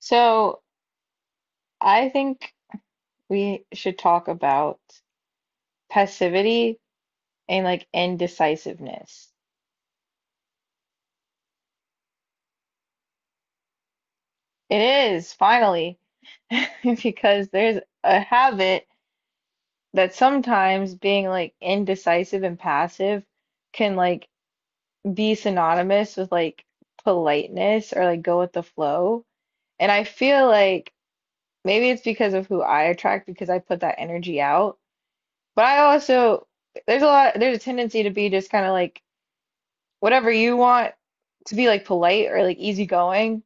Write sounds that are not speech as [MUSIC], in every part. So I think we should talk about passivity and like indecisiveness. It is finally [LAUGHS] because there's a habit that sometimes being like indecisive and passive can like be synonymous with like politeness or like go with the flow. And I feel like maybe it's because of who I attract because I put that energy out. But I also there's a tendency to be just kind of like whatever you want to be like polite or like easygoing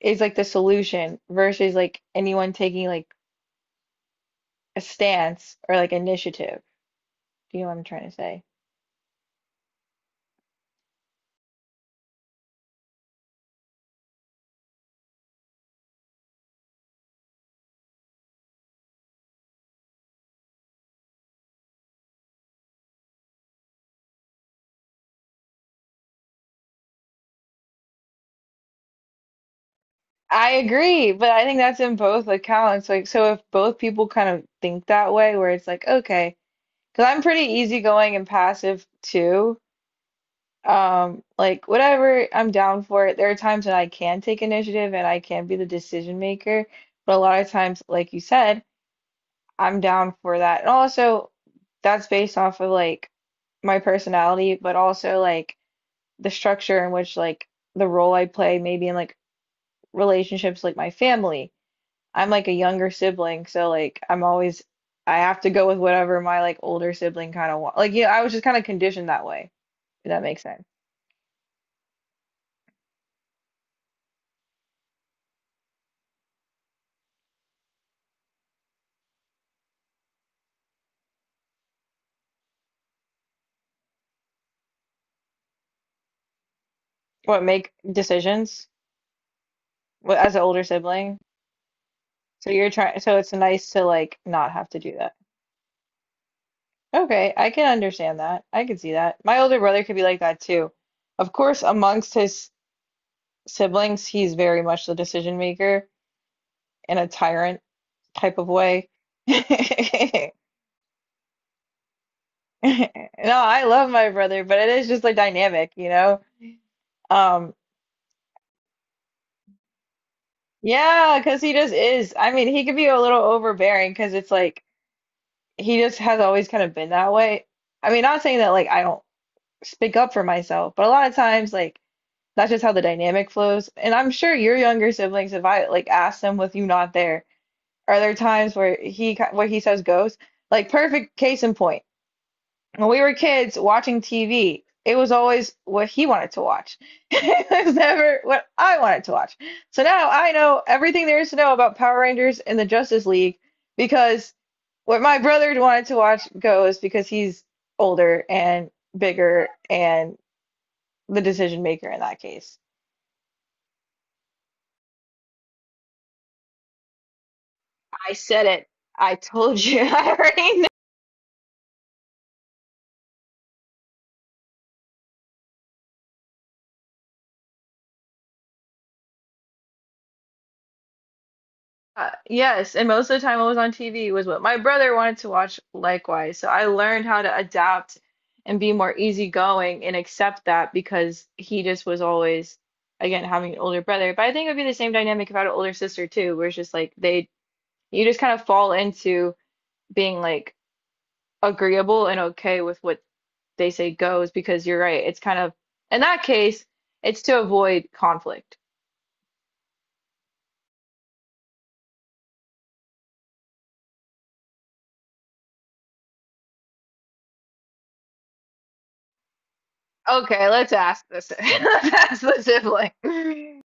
is like the solution versus like anyone taking like a stance or like initiative. Do you know what I'm trying to say? I agree, but I think that's in both accounts. Like, so if both people kind of think that way, where it's like, okay, because I'm pretty easygoing and passive too. Like whatever, I'm down for it. There are times that I can take initiative and I can be the decision maker, but a lot of times, like you said, I'm down for that. And also, that's based off of like my personality, but also like the structure in which like the role I play, maybe in like relationships, like my family. I'm like a younger sibling, so like I have to go with whatever my like older sibling kind of want. Like yeah, I was just kind of conditioned that way, if that makes sense. What make decisions as an older sibling. So you're trying, so it's nice to like not have to do that. Okay, I can understand that. I can see that. My older brother could be like that too. Of course, amongst his siblings, he's very much the decision maker in a tyrant type of way. [LAUGHS] No, I love my brother, but it is just like dynamic, you know? Um, yeah, because he just is. I mean, he could be a little overbearing because it's like he just has always kind of been that way. I mean, not saying that like I don't speak up for myself, but a lot of times, like, that's just how the dynamic flows. And I'm sure your younger siblings, if I like ask them with you not there, are there times where he says goes? Like perfect case in point. When we were kids watching TV, it was always what he wanted to watch. [LAUGHS] It was never what I wanted to watch. So now I know everything there is to know about Power Rangers and the Justice League because what my brother wanted to watch goes because he's older and bigger and the decision maker in that case. I said it. I told you. [LAUGHS] I already know. Yes, and most of the time what was on TV was what my brother wanted to watch likewise. So I learned how to adapt and be more easygoing and accept that because he just was always, again, having an older brother. But I think it would be the same dynamic if I had an older sister too, where it's just like they, you just kind of fall into being like agreeable and okay with what they say goes because you're right. It's kind of, in that case, it's to avoid conflict. Okay, let's ask this. [LAUGHS] Let's ask the sibling.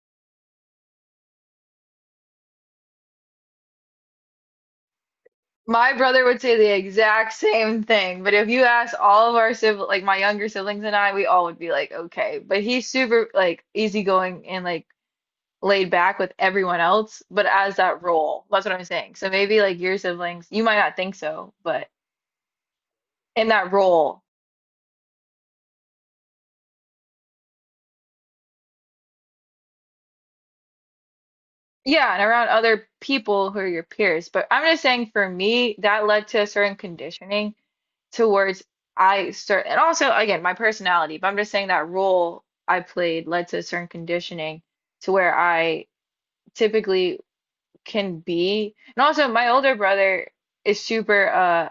My brother would say the exact same thing, but if you ask all of our siblings, like my younger siblings and I, we all would be like, okay. But he's super like easygoing and like laid back with everyone else, but as that role, that's what I'm saying. So maybe like your siblings, you might not think so, but in that role, yeah, and around other people who are your peers. But I'm just saying for me, that led to a certain conditioning towards I start and also again my personality, but I'm just saying that role I played led to a certain conditioning to where I typically can be. And also my older brother is super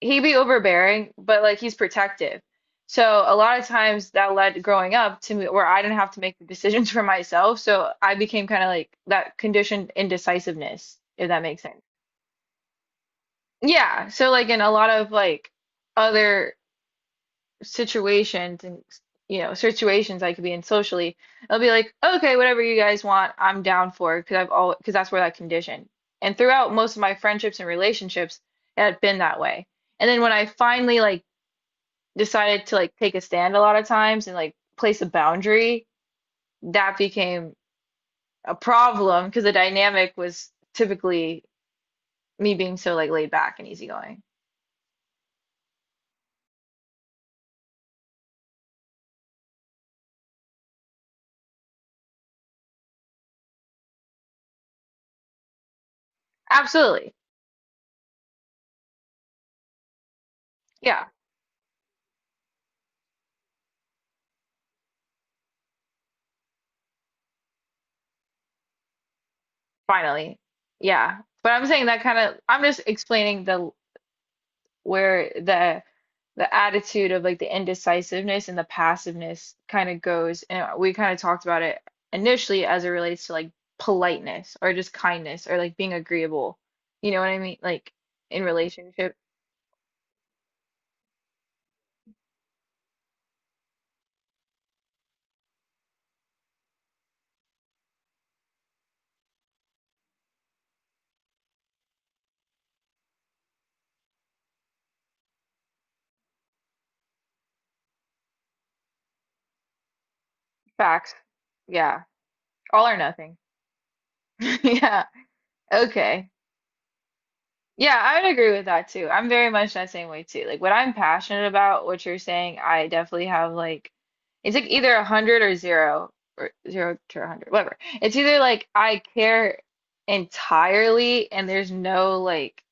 he would be overbearing, but like he's protective. So a lot of times that led growing up to me where I didn't have to make the decisions [LAUGHS] for myself. So I became kind of like that conditioned indecisiveness, if that makes sense. Yeah. So like in a lot of like other situations and situations I could be in socially, I'll be like, okay, whatever you guys want, I'm down for because I've all because that's where that condition. And throughout most of my friendships and relationships, it had been that way. And then when I finally like decided to like take a stand a lot of times and like place a boundary, that became a problem because the dynamic was typically me being so like laid back and easygoing. Absolutely. Yeah, finally. Yeah. But I'm saying that kind of, I'm just explaining the where the attitude of like the indecisiveness and the passiveness kind of goes and we kind of talked about it initially as it relates to like politeness or just kindness or like being agreeable you know what I mean like in relationship. Facts. Yeah, all or nothing. [LAUGHS] Yeah. Okay. Yeah, I would agree with that too. I'm very much that same way too. Like what I'm passionate about, what you're saying, I definitely have like it's like either a hundred or zero to a hundred, whatever. It's either like I care entirely and there's no like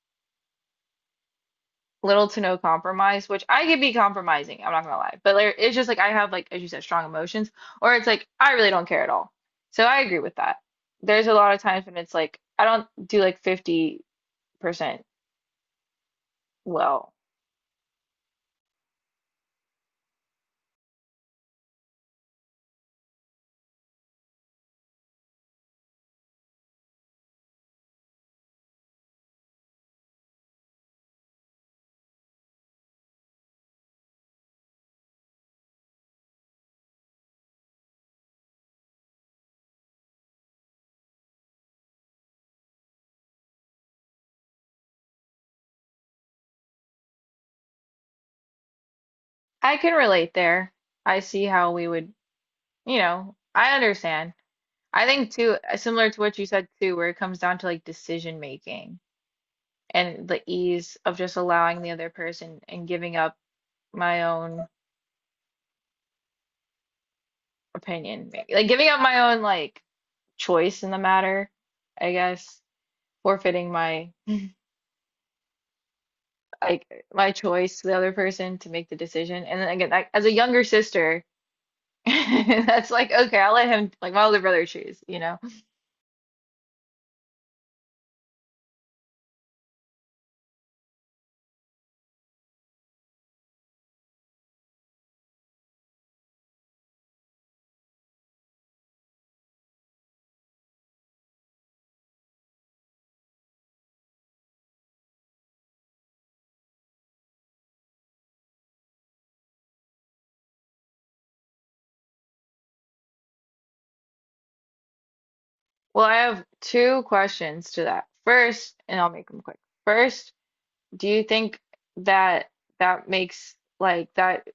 little to no compromise, which I could be compromising, I'm not gonna lie. But like, it's just like I have like, as you said, strong emotions, or it's like I really don't care at all. So I agree with that. There's a lot of times when it's like I don't do like 50% well. I can relate there. I see how we would. I understand. I think too, similar to what you said too, where it comes down to like decision making and the ease of just allowing the other person and giving up my own opinion, maybe. Like giving up my own like choice in the matter, I guess, forfeiting like my choice to the other person to make the decision. And then again, I, as a younger sister, [LAUGHS] that's like, okay, I'll let him like my older brother choose, you know? Well, I have two questions to that. First, and I'll make them quick. First, do you think that that makes like that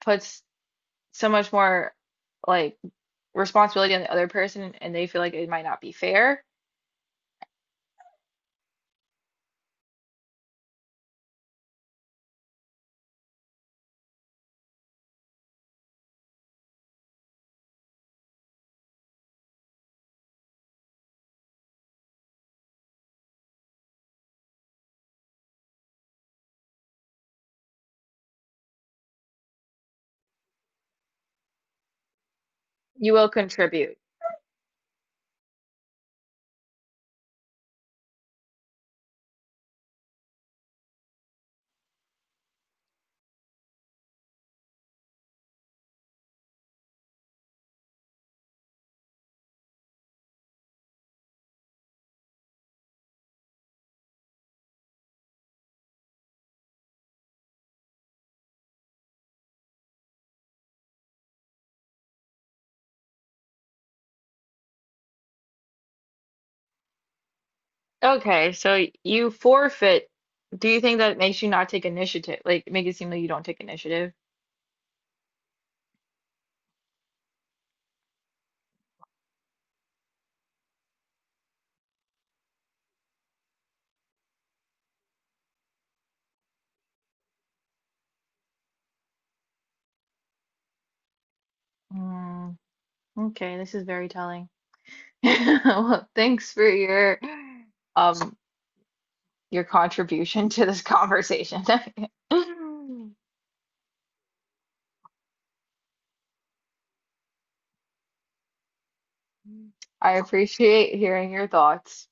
puts so much more like responsibility on the other person and they feel like it might not be fair? You will contribute. Okay, so you forfeit. Do you think that it makes you not take initiative? Like make it seem like you don't take initiative? Mm, okay, this is very telling. [LAUGHS] Well, thanks for um your contribution to this conversation. [LAUGHS] I appreciate hearing your thoughts.